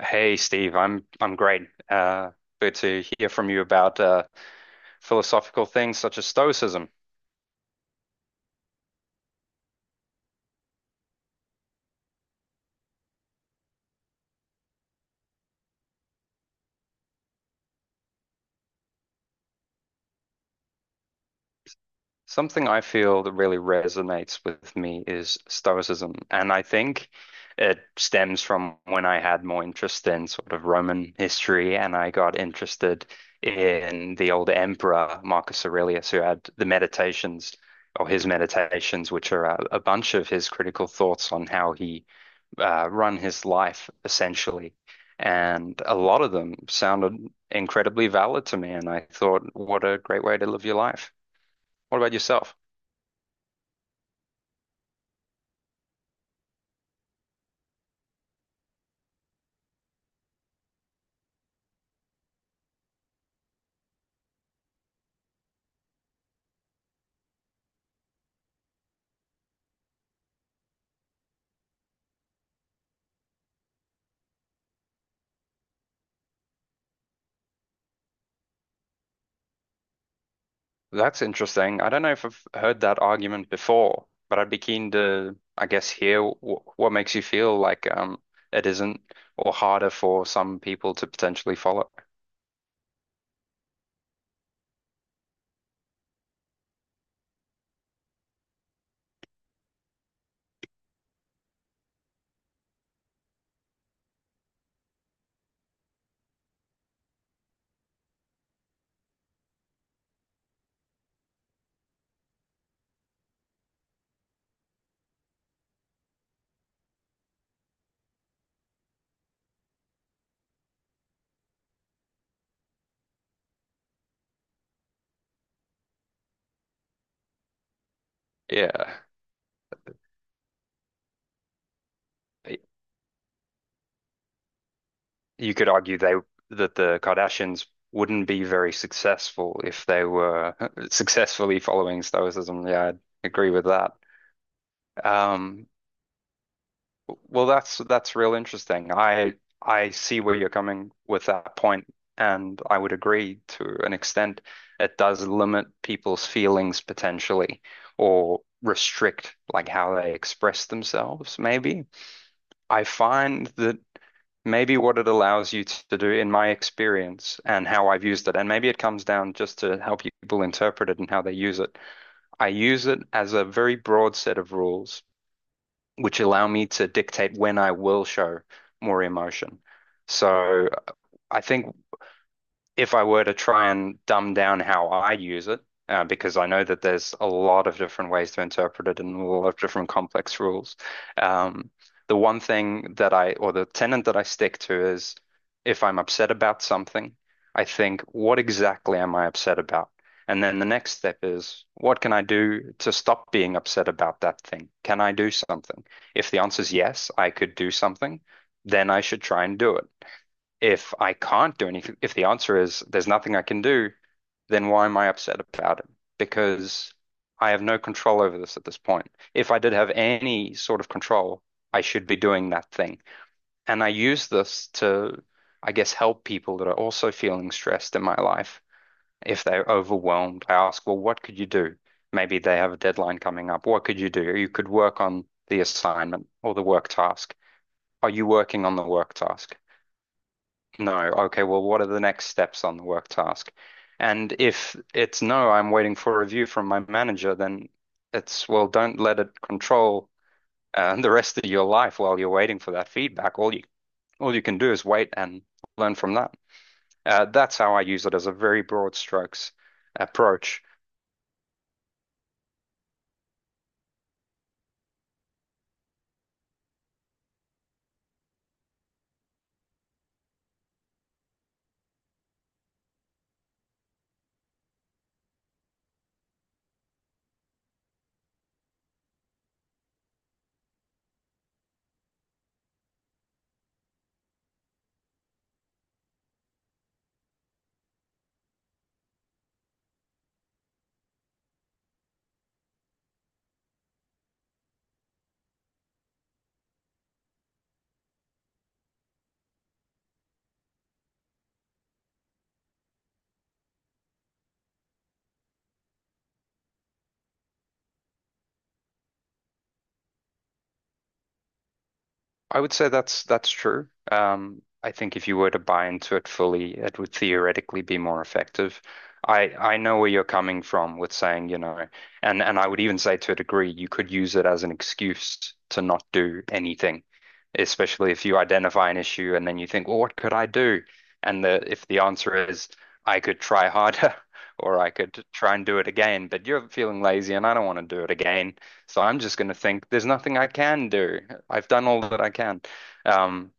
Hey Steve, I'm great. Uh, Good to hear from you about philosophical things such as Stoicism. Something I feel that really resonates with me is Stoicism, and I think it stems from when I had more interest in sort of Roman history, and I got interested in the old emperor Marcus Aurelius, who had the Meditations or his Meditations, which are a bunch of his critical thoughts on how he run his life essentially. And a lot of them sounded incredibly valid to me. And I thought, what a great way to live your life. What about yourself? That's interesting. I don't know if I've heard that argument before, but I'd be keen to, I guess, hear w what makes you feel like it isn't or harder for some people to potentially follow. Yeah, you could argue they that the Kardashians wouldn't be very successful if they were successfully following Stoicism. Yeah, I'd agree with that. Um, well, that's real interesting. I see where you're coming with that point, and I would agree to an extent. It does limit people's feelings potentially, or restrict like how they express themselves, maybe. I find that maybe what it allows you to do in my experience and how I've used it. And maybe it comes down just to how people interpret it and how they use it. I use it as a very broad set of rules, which allow me to dictate when I will show more emotion. So I think if I were to try and dumb down how I use it, because I know that there's a lot of different ways to interpret it and a lot of different complex rules. Um, the one thing that I, or the tenet that I stick to is if I'm upset about something, I think, what exactly am I upset about? And then the next step is, what can I do to stop being upset about that thing? Can I do something? If the answer is yes, I could do something, then I should try and do it if I can't do anything, if the answer is there's nothing I can do, then why am I upset about it? Because I have no control over this at this point. If I did have any sort of control, I should be doing that thing. And I use this to, I guess, help people that are also feeling stressed in my life. If they're overwhelmed, I ask, well, what could you do? Maybe they have a deadline coming up. What could you do? You could work on the assignment or the work task. Are you working on the work task? No. Okay, well, what are the next steps on the work task? And if it's no, I'm waiting for a review from my manager, then it's, well, don't let it control the rest of your life while you're waiting for that feedback. All you can do is wait and learn from that. That's how I use it as a very broad strokes approach. I would say that's true. I think if you were to buy into it fully, it would theoretically be more effective. I know where you're coming from with saying, you know, and I would even say to a degree, you could use it as an excuse to not do anything, especially if you identify an issue and then you think, well, what could I do? And the if the answer is, I could try harder, or I could try and do it again, but you're feeling lazy and I don't want to do it again. So I'm just gonna think there's nothing I can do. I've done all that I can. Um,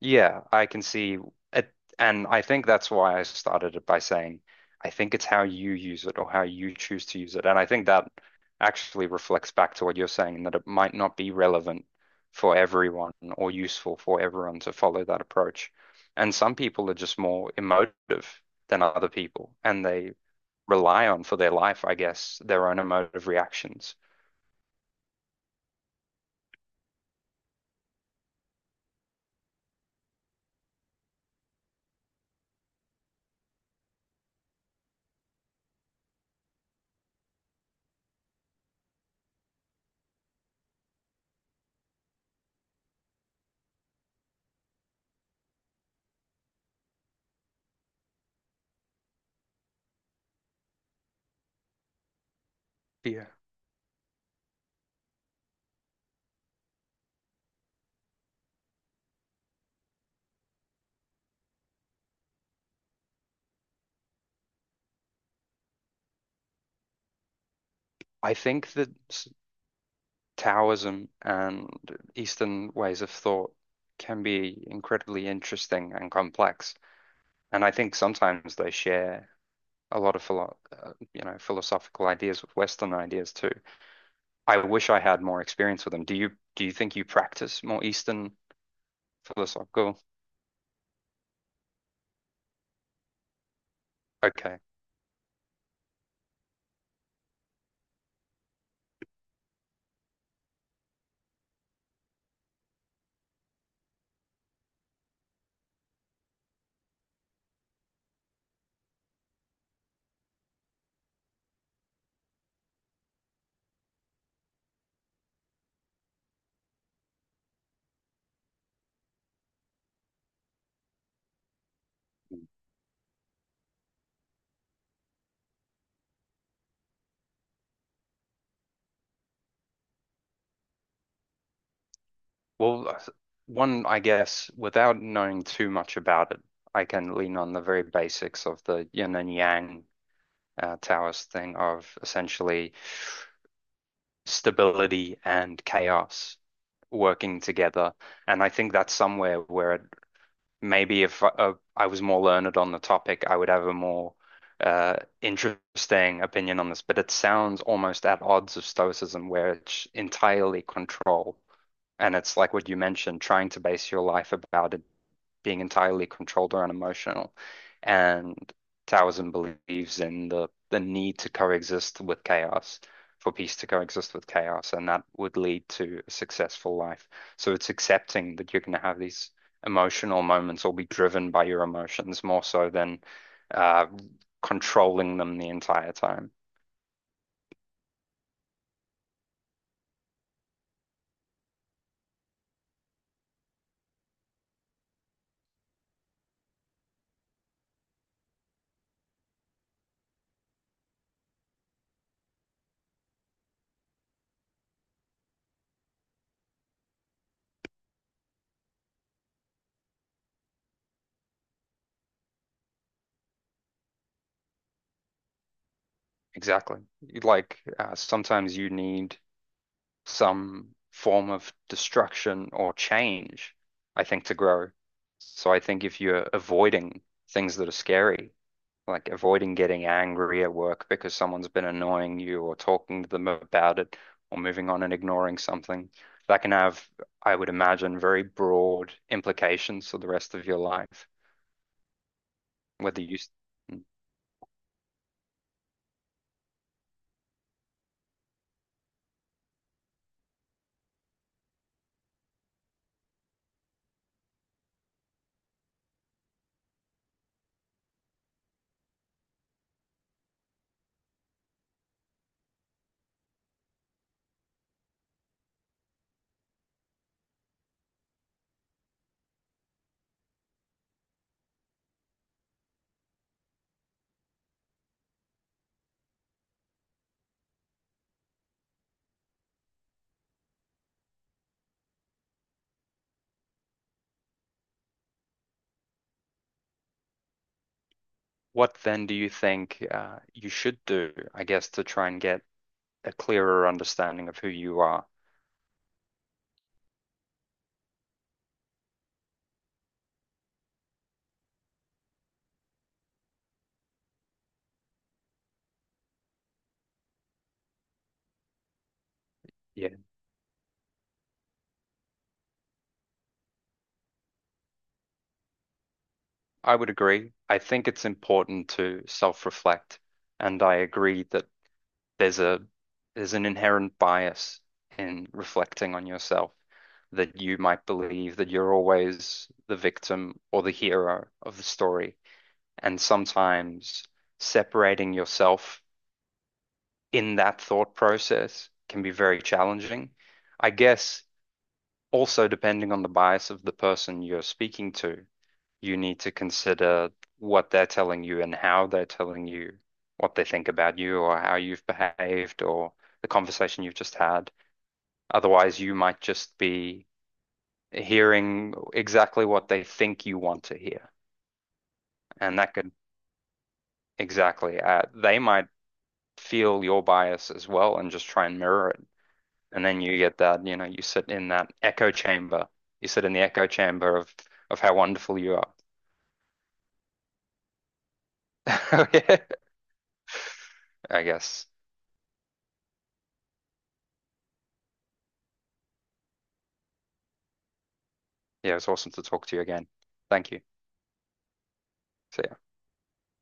yeah, I can see it, and I think that's why I started it by saying, I think it's how you use it or how you choose to use it, and I think that actually reflects back to what you're saying, that it might not be relevant for everyone or useful for everyone to follow that approach. And some people are just more emotive than other people, and they rely on for their life, I guess, their own emotive reactions. Yeah, I think that Taoism and Eastern ways of thought can be incredibly interesting and complex. And I think sometimes they share a lot of philo you know, philosophical ideas with Western ideas too. I wish I had more experience with them. Do you think you practice more Eastern philosophical? Okay. Well, one, I guess, without knowing too much about it, I can lean on the very basics of the yin and yang Taoist thing of essentially stability and chaos working together. And I think that's somewhere where it, maybe if I was more learned on the topic, I would have a more interesting opinion on this. But it sounds almost at odds of Stoicism, where it's entirely control. And it's like what you mentioned, trying to base your life about it being entirely controlled or unemotional. And Taoism believes in the need to coexist with chaos, for peace to coexist with chaos, and that would lead to a successful life. So it's accepting that you're going to have these emotional moments or be driven by your emotions more so than uh, controlling them the entire time. Exactly. Like sometimes you need some form of destruction or change, I think, to grow. So I think if you're avoiding things that are scary, like avoiding getting angry at work because someone's been annoying you or talking to them about it or moving on and ignoring something, that can have, I would imagine, very broad implications for the rest of your life. Whether you, what then do you think you should do, I guess, to try and get a clearer understanding of who you are? Yeah, I would agree. I think it's important to self-reflect, and I agree that there's a there's an inherent bias in reflecting on yourself that you might believe that you're always the victim or the hero of the story. And sometimes separating yourself in that thought process can be very challenging. I guess also, depending on the bias of the person you're speaking to, you need to consider what they're telling you and how they're telling you what they think about you or how you've behaved or the conversation you've just had. Otherwise, you might just be hearing exactly what they think you want to hear. And that could exactly, they might feel your bias as well and just try and mirror it. And then you get that, you know, you sit in that echo chamber. You sit in the echo chamber of how wonderful you are. I guess. Yeah, it's awesome to talk to you again. Thank you. See ya.